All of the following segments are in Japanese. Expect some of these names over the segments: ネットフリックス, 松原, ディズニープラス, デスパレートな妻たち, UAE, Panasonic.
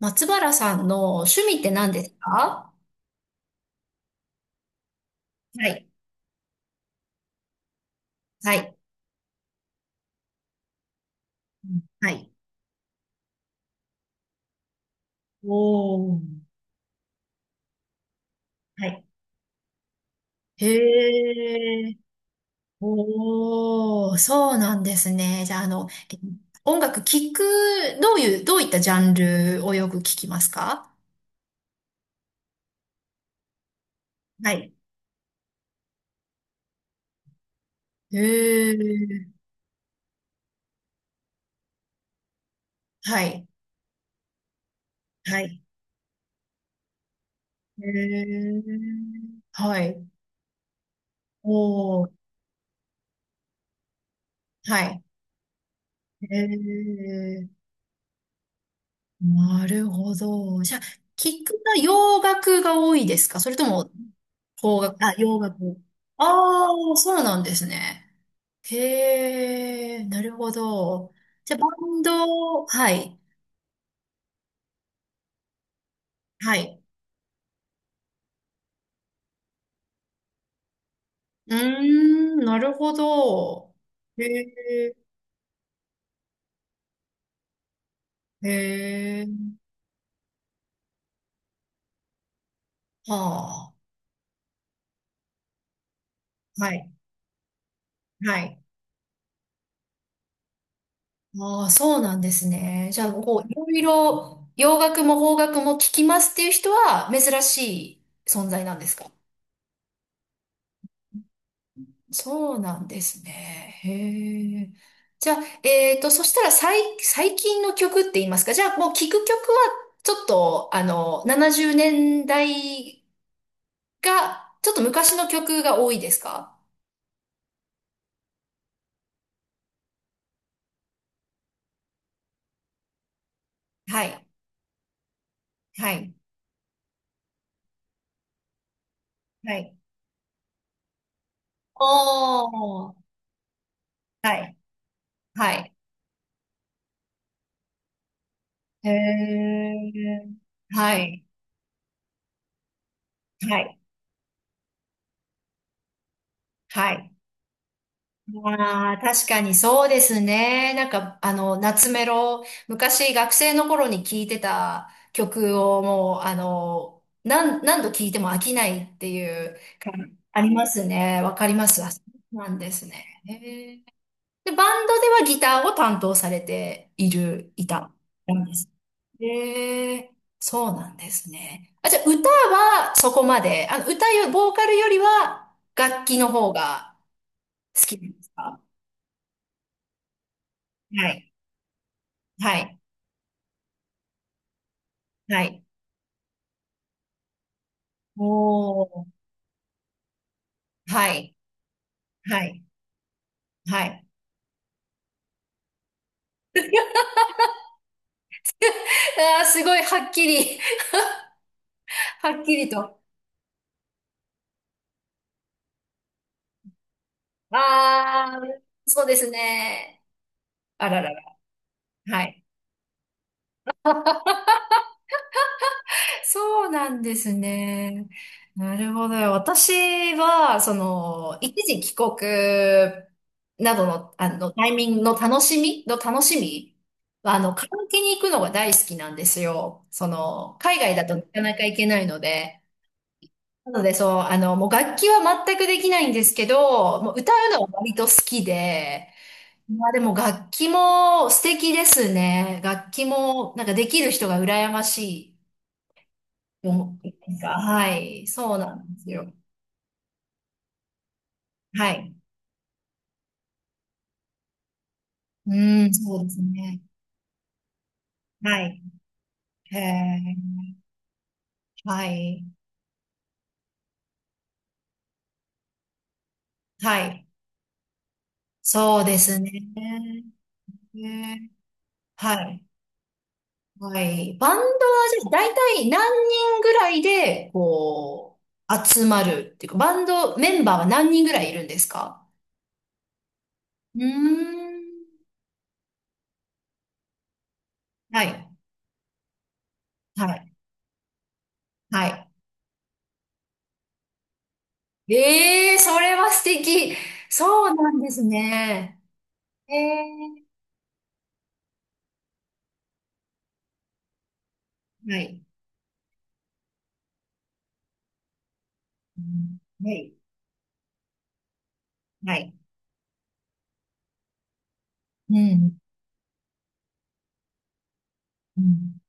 松原さんの趣味って何ですか？はい。はい。うん、はい。おー。はい。へー。おー、そうなんですね。じゃあ、音楽聴く、どういったジャンルをよく聴きますか？はい。へー、はい。はい。へー、はい。おー。はい。へー、なるほど。じゃあ、聞くの洋楽が多いですか？それとも、邦楽、あ、洋楽。ああ、そうなんですね。へえ、なるほど。じゃあ、バンド、はい、はい。うーん、なるほど。へえ、へえ、はあ、はい、はい。ああ、そうなんですね。じゃあ、こう、いろいろ洋楽も邦楽も聞きますっていう人は珍しい存在なんですか？そうなんですね。へえ。じゃあ、そしたら最近の曲って言いますか。じゃあ、もう聴く曲は、ちょっと、あの、70年代が、ちょっと昔の曲が多いですか？はい、はい、はい、おー。はい、はい。へえ、はい、はい、はい。ああ、確かにそうですね。なんか、あの、夏メロ、昔学生の頃に聴いてた曲をもう、あの、何度聴いても飽きないっていう感ありますね。わかります。あ、そうなんですね。へえ。で、バンドではギターを担当されている、いたなんですね。へえ、そうなんですね。あ、じゃあ歌はそこまで、あの、ボーカルよりは楽器の方が好きなんですか？はい。はい。はい。おー。はい。はい。はい。ああ、すごい、はっきり、はっきりと。ああ、そうですね。あららら。はい。そうなんですね。なるほど。私は、その、一時帰国などの、あの、タイミングの楽しみは、あの、カラオケに行くのが大好きなんですよ。その、海外だとなかなか行けないので。なので、そう、あの、もう楽器は全くできないんですけど、もう歌うのは割と好きで、まあでも楽器も素敵ですね。楽器もなんかできる人が羨ましいと思ってますか。はい、そうなんですよ。はい。うん、そうですね。はい。へえ、はい。はい。そうですね。へえ、はい。はい。バンドはじゃあ大体何人ぐらいで、こう、集まるっていうか、バンドメンバーは何人ぐらいいるんですか？うーん。はい。はい。はい。ええー、それは素敵。そうなんですね。ええー。はい。うん、はい。はい。うん。うん。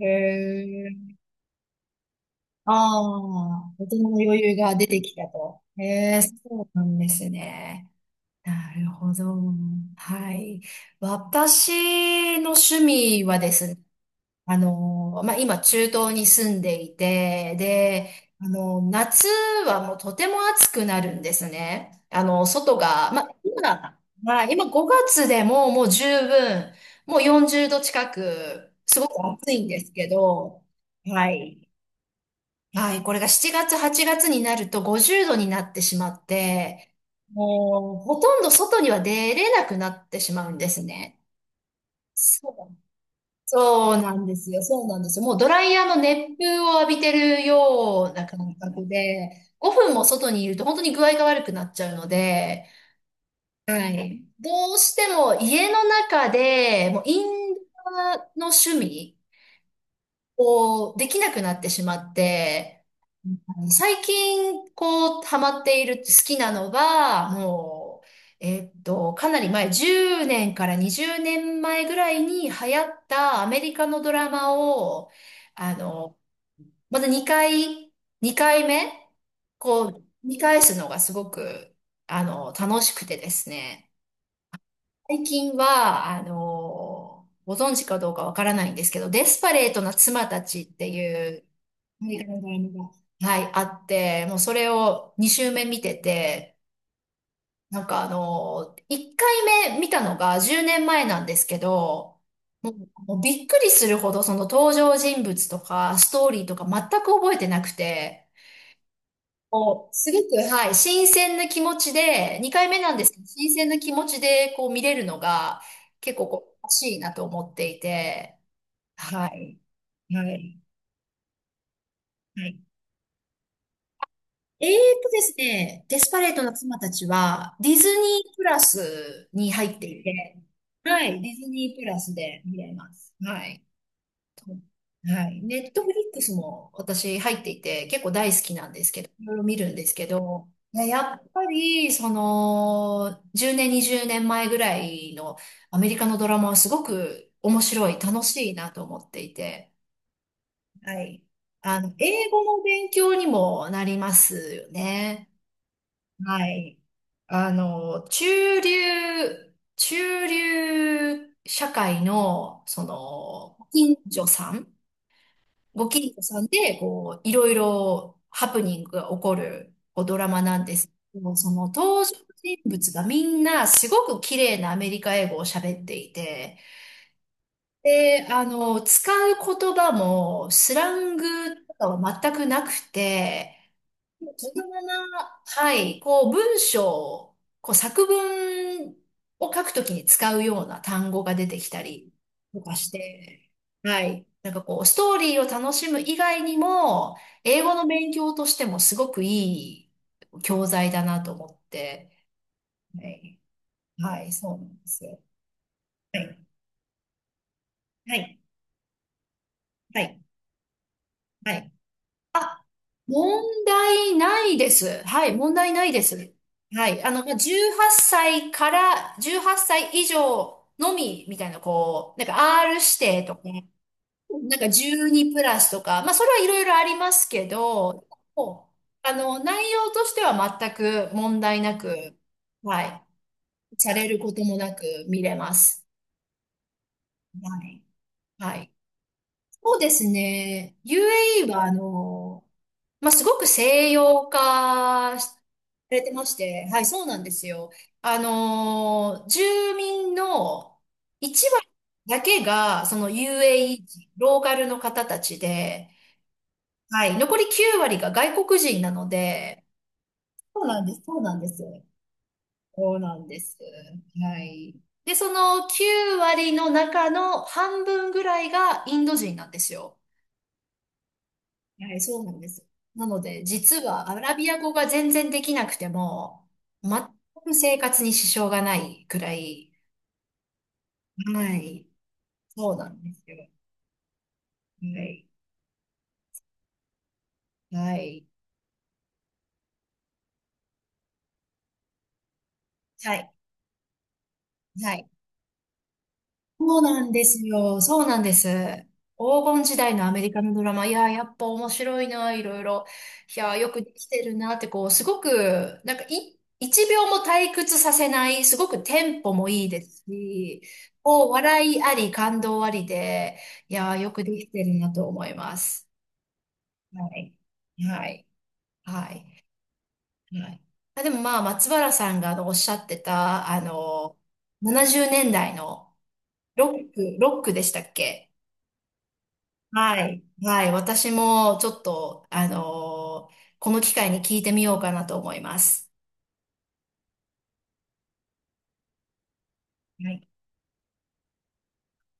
へえ。ああ、大人の余裕が出てきたと。へえ、そうなんですね。なるほど。はい。私の趣味はですね、あの、まあ、今中東に住んでいて、で、あの、夏はもうとても暑くなるんですね。あの、外が、まあ、今、まあ、今5月でももう十分、もう40度近く、すごく暑いんですけど、はい。はい、これが7月、8月になると50度になってしまって、もうほとんど外には出れなくなってしまうんですね。そう、そうなんですよ。そうなんですよ。もうドライヤーの熱風を浴びてるような感覚で、5分も外にいると本当に具合が悪くなっちゃうので、はい。どうしても家の中で、もうインドアの趣味をできなくなってしまって、最近、こう、ハマっている、好きなのが、もう、かなり前、10年から20年前ぐらいに流行ったアメリカのドラマを、あの、また2回、2回目、こう、見返すのがすごく、あの、楽しくてですね。最近は、あの、ご存知かどうかわからないんですけど、デスパレートな妻たちっていうアメリカのドラマが、はい、あって、もうそれを2週目見てて、なんかあの、1回目見たのが10年前なんですけど、もう、もうびっくりするほどその登場人物とかストーリーとか全く覚えてなくて、こう、すごく、はい、新鮮な気持ちで、2回目なんですけど、新鮮な気持ちでこう見れるのが結構こう、欲しいなと思っていて、はい、はい、はい。えーですね、デスパレートの妻たちは、ディズニープラスに入っていて、はい、ディズニープラスで見れます。はい。と、はい。ネットフリックスも私入っていて、結構大好きなんですけど、いろいろ見るんですけど、いややっぱり、その、10年、20年前ぐらいのアメリカのドラマはすごく面白い、楽しいなと思っていて、はい。あの、英語の勉強にもなりますよね。はい。あの、中流社会の、その、ご近所さん、ご近所さんで、こう、いろいろハプニングが起こる、こう、ドラマなんですけど、その登場人物がみんなすごく綺麗なアメリカ英語を喋っていて、で、あの、使う言葉もスラングとかは全くなくて、自分な、はい、こうこう作文を書くときに使うような単語が出てきたりとかして、はい、なんかこうストーリーを楽しむ以外にも、英語の勉強としてもすごくいい教材だなと思って、はい、はい、そうなんですよ。はい、はい、はい、はい。問題ないです。はい、問題ないです。はい。あの、まあ、18歳から18歳以上のみみたいな、こう、なんか R 指定とか、なんか12プラスとか、まあ、それはいろいろありますけど、もう、あの、内容としては全く問題なく、はい。されることもなく見れます。はい。はい。そうですね。UAE は、あの、まあ、すごく西洋化しされてまして、はい、そうなんですよ。あのー住民の1割だけが、その UAE 人、ローカルの方たちで、はい、残り9割が外国人なので、そうなんです。そうなんです。はい。で、その9割の中の半分ぐらいがインド人なんですよ。はい、そうなんです。なので、実はアラビア語が全然できなくても、全く生活に支障がないくらい、はい、そうなんですよ。はい、はい、はい、はい。そうなんですよ。そうなんです。黄金時代のアメリカのドラマ。いやー、やっぱ面白いな、いろいろ。いやー、よくできてるなって、こう、すごく、なんかい、一秒も退屈させない、すごくテンポもいいですし、こう、笑いあり、感動ありで、いやー、よくできてるなと思います。はい。はい。はい。はい。あ、でもまあ、松原さんがあのおっしゃってた、あの、70年代のロックでしたっけ？はい。はい。私もちょっと、あのーこの機会に聞いてみようかなと思います。はい